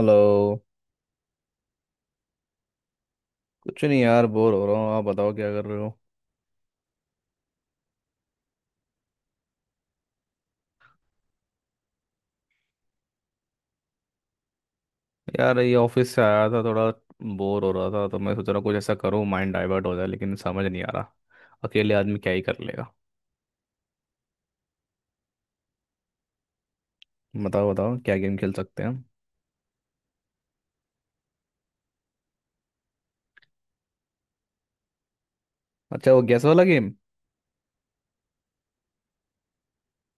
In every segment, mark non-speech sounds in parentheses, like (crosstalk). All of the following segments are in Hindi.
हेलो। कुछ नहीं यार, बोर हो रहा हूँ। आप बताओ क्या कर रहे हो? यार, ये ऑफिस से आया था, थोड़ा बोर हो रहा था, तो मैं सोच रहा हूँ कुछ ऐसा करूँ माइंड डाइवर्ट हो जाए, लेकिन समझ नहीं आ रहा। अकेले आदमी क्या ही कर लेगा। बताओ बताओ, क्या गेम खेल सकते हैं हम? अच्छा, वो गैस वाला गेम।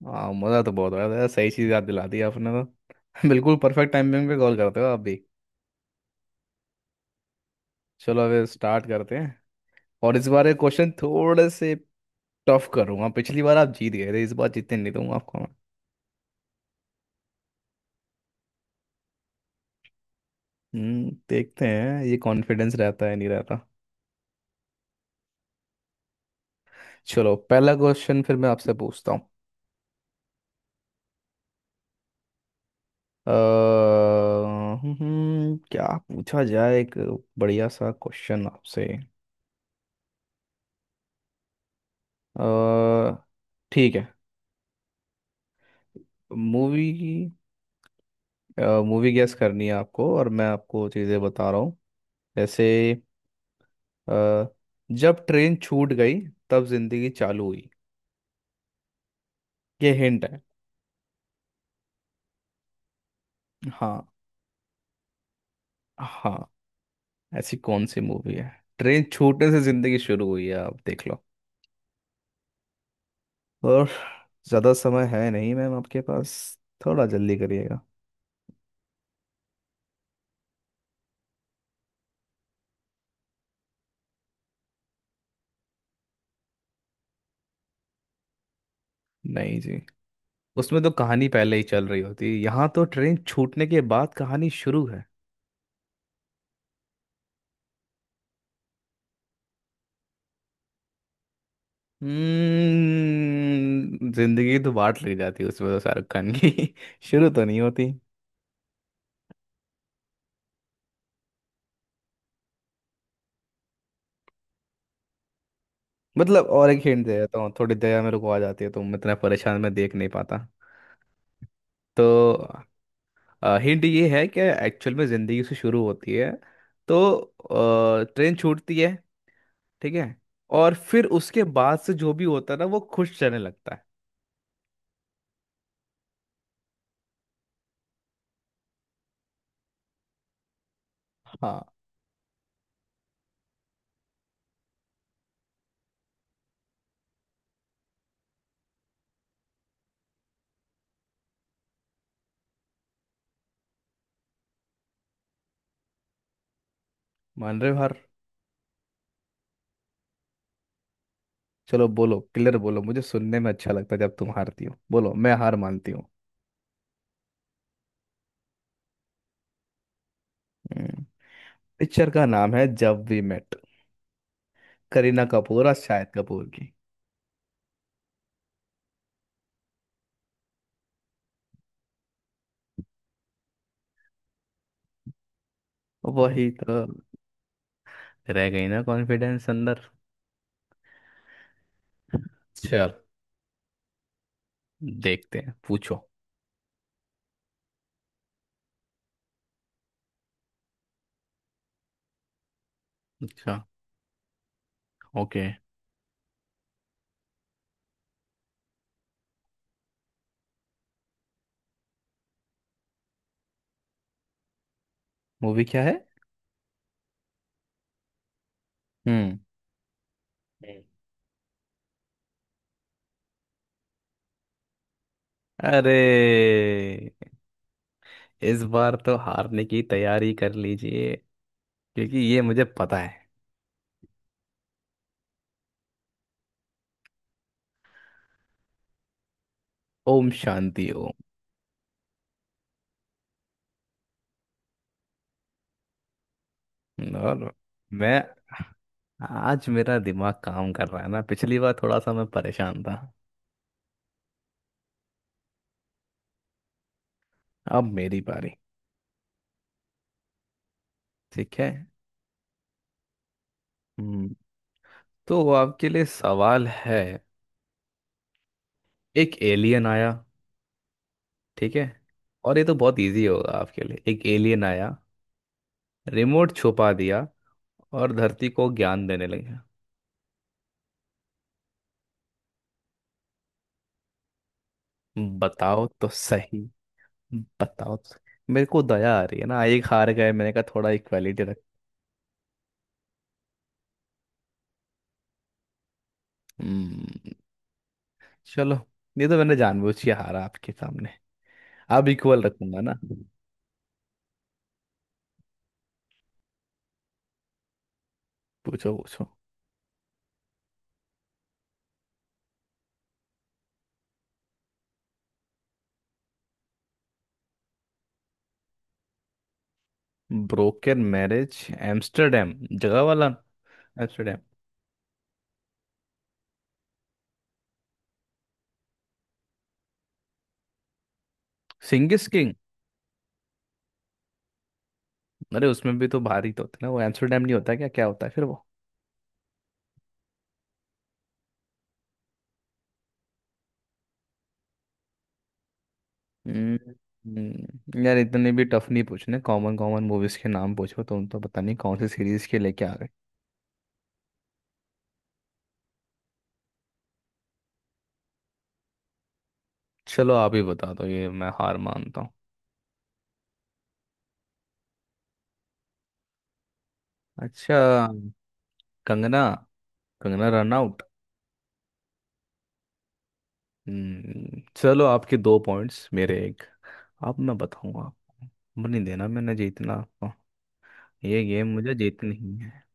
हाँ, मज़ा तो बहुत आया था यार, सही चीज़ याद दिला दी आपने तो (laughs) बिल्कुल परफेक्ट टाइमिंग पे कॉल करते हो आप भी। चलो, अब स्टार्ट करते हैं। और इस बार ये क्वेश्चन थोड़े से टफ करूँगा। पिछली बार आप जीत गए थे, इस बार जीतने नहीं दूंगा आपको मैं। देखते हैं ये कॉन्फिडेंस रहता है नहीं रहता। चलो, पहला क्वेश्चन फिर मैं आपसे पूछता हूँ। अ, क्या पूछा जाए, एक बढ़िया सा क्वेश्चन आपसे। अ, ठीक है। मूवी मूवी गेस करनी है आपको, और मैं आपको चीज़ें बता रहा हूँ। जैसे अ, जब ट्रेन छूट गई, तब जिंदगी चालू हुई। ये हिंट है। हाँ, हाँ, ऐसी कौन सी मूवी है, ट्रेन छूटने से जिंदगी शुरू हुई है, आप देख लो। और ज़्यादा समय है नहीं मैम आपके पास, थोड़ा जल्दी करिएगा। नहीं जी, उसमें तो कहानी पहले ही चल रही होती है, यहाँ तो ट्रेन छूटने के बाद कहानी शुरू है। जिंदगी तो बांट ली जाती है उसमें तो, शाहरुख खान की (laughs) शुरू तो नहीं होती। मतलब, और एक हिंट दे देता हूँ, थोड़ी दया मेरे को आ जाती है तो, मैं इतना परेशान मैं देख नहीं पाता। तो हिंट ये है कि एक्चुअल में जिंदगी से शुरू होती है, तो ट्रेन छूटती है, ठीक है? और फिर उसके बाद से जो भी होता है ना, वो खुश रहने लगता है। हाँ। मान रहे हो हार? चलो, बोलो क्लियर, बोलो, मुझे सुनने में अच्छा लगता है जब तुम हारती हो। बोलो, मैं हार मानती हूँ। हम्म, पिक्चर का नाम है जब वी मेट। करीना कपूर और शाहिद कपूर की। वही तो, रह गई ना कॉन्फिडेंस अंदर। चल, देखते हैं, पूछो। अच्छा। ओके। मूवी क्या है? हम्म। अरे, इस बार तो हारने की तैयारी कर लीजिए, क्योंकि ये मुझे पता है। ओम शांति ओम। और मैं, आज मेरा दिमाग काम कर रहा है ना, पिछली बार थोड़ा सा मैं परेशान था। अब मेरी बारी। ठीक है। हम्म, तो आपके लिए सवाल है। एक एलियन आया, ठीक है? और ये तो बहुत इजी होगा आपके लिए। एक एलियन आया, रिमोट छुपा दिया, और धरती को ज्ञान देने लगा। बताओ तो सही, बताओ तो सही। मेरे को दया आ रही है ना, एक हार गए, मैंने कहा थोड़ा इक्वालिटी रख। हम्म, चलो। ये तो मैंने जानबूझ के हारा आपके सामने। अब इक्वल रखूंगा ना। पूछो पूछो। ब्रोकन मैरिज एम्स्टरडेम, जगह वाला एम्स्टरडेम। सिंगिस किंग? अरे, उसमें भी तो भारी तो होता है ना, वो एम्स्टरडेम नहीं होता, क्या क्या होता है फिर वो? हम्म, यार, इतने भी टफ नहीं पूछने, कॉमन कॉमन मूवीज के नाम पूछो, तुम तो पता नहीं कौन सी सीरीज के लेके आ गए। चलो, आप ही बता दो ये, मैं हार मानता हूँ। अच्छा। Kangana Kangana run out. चलो, आपके दो पॉइंट्स, मेरे एक। अब मैं बताऊंगा। अब नहीं देना, मैंने जीतना आपको। ये गेम मुझे जीतनी ही है।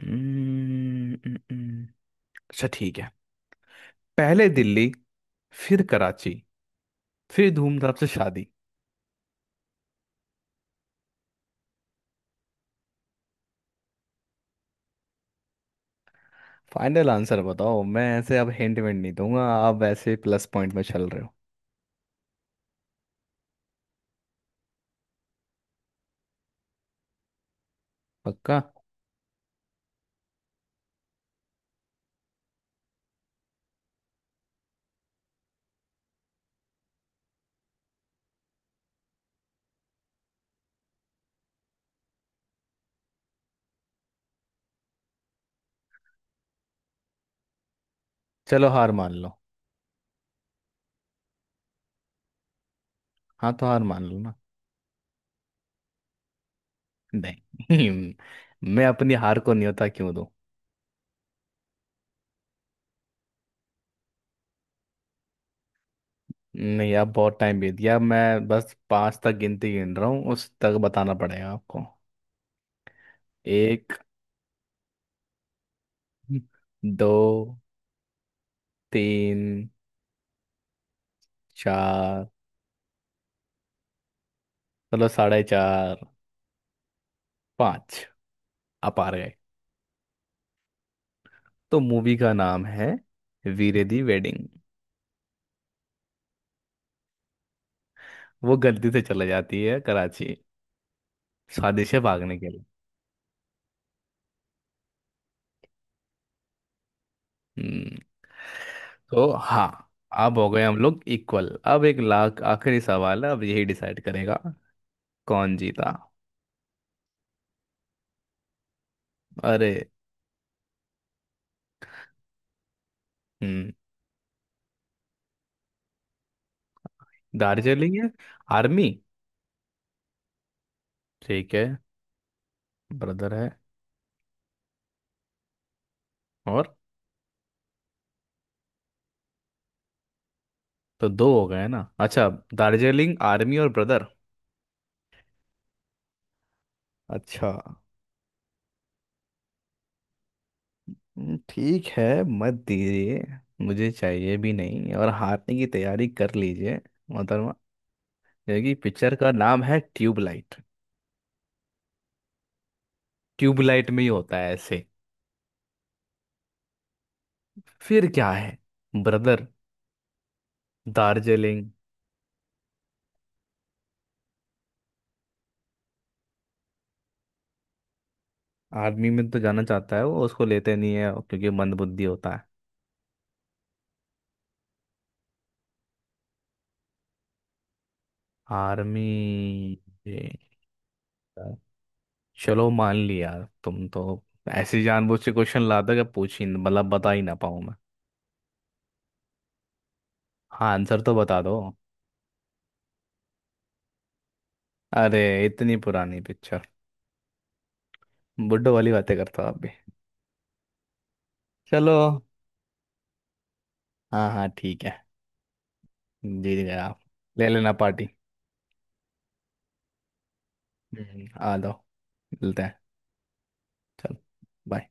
हम्म, हम्म, हम्म। अच्छा, ठीक है। पहले दिल्ली, फिर कराची, फिर धूमधाम से शादी। फाइनल आंसर बताओ, मैं ऐसे अब हिंट विंट नहीं दूंगा, आप वैसे प्लस पॉइंट में चल रहे हो। पक्का? चलो, हार मान लो। हाँ, तो हार मान लो ना। नहीं। (laughs) मैं अपनी हार को न्योता क्यों दूं? नहीं, अब बहुत टाइम बीत गया। मैं बस पांच तक गिनती गिन रहा हूँ, उस तक बताना पड़ेगा आपको। एक, दो, तीन, चार, मतलब साढ़े चार, पाँच। आप आ गए। तो मूवी का नाम है वीरे दी वेडिंग। वो गलती से चला जाती है कराची, शादी से भागने के लिए। हम्म, तो हाँ। अब हो गए हम लोग इक्वल। अब एक लाख आखिरी सवाल है, अब यही डिसाइड करेगा कौन जीता। अरे। हम्म। दार्जिलिंग है, आर्मी, ठीक है, ब्रदर है। और तो दो हो गए ना? अच्छा। दार्जिलिंग, आर्मी और ब्रदर। अच्छा। ठीक है, मत दीजिए, मुझे चाहिए भी नहीं। और हारने की तैयारी कर लीजिए मोहतरमा, क्योंकि पिक्चर का नाम है ट्यूबलाइट। ट्यूबलाइट में ही होता है ऐसे। फिर क्या है? ब्रदर, दार्जिलिंग। आर्मी में तो जाना चाहता है वो, उसको लेते नहीं है क्योंकि मंदबुद्धि होता है। आर्मी। ये है। चलो, मान लिया। तुम तो ऐसे जानबूझ के क्वेश्चन लाते हो कि पूछ ही, मतलब बता ही ना पाऊं मैं। हाँ, आंसर तो बता दो। अरे, इतनी पुरानी पिक्चर, बुड्ढो वाली बातें करता आप भी। चलो, हाँ हाँ ठीक है, जीत गए आप। ले लेना पार्टी। आ जाओ। मिलते हैं। चलो, bye।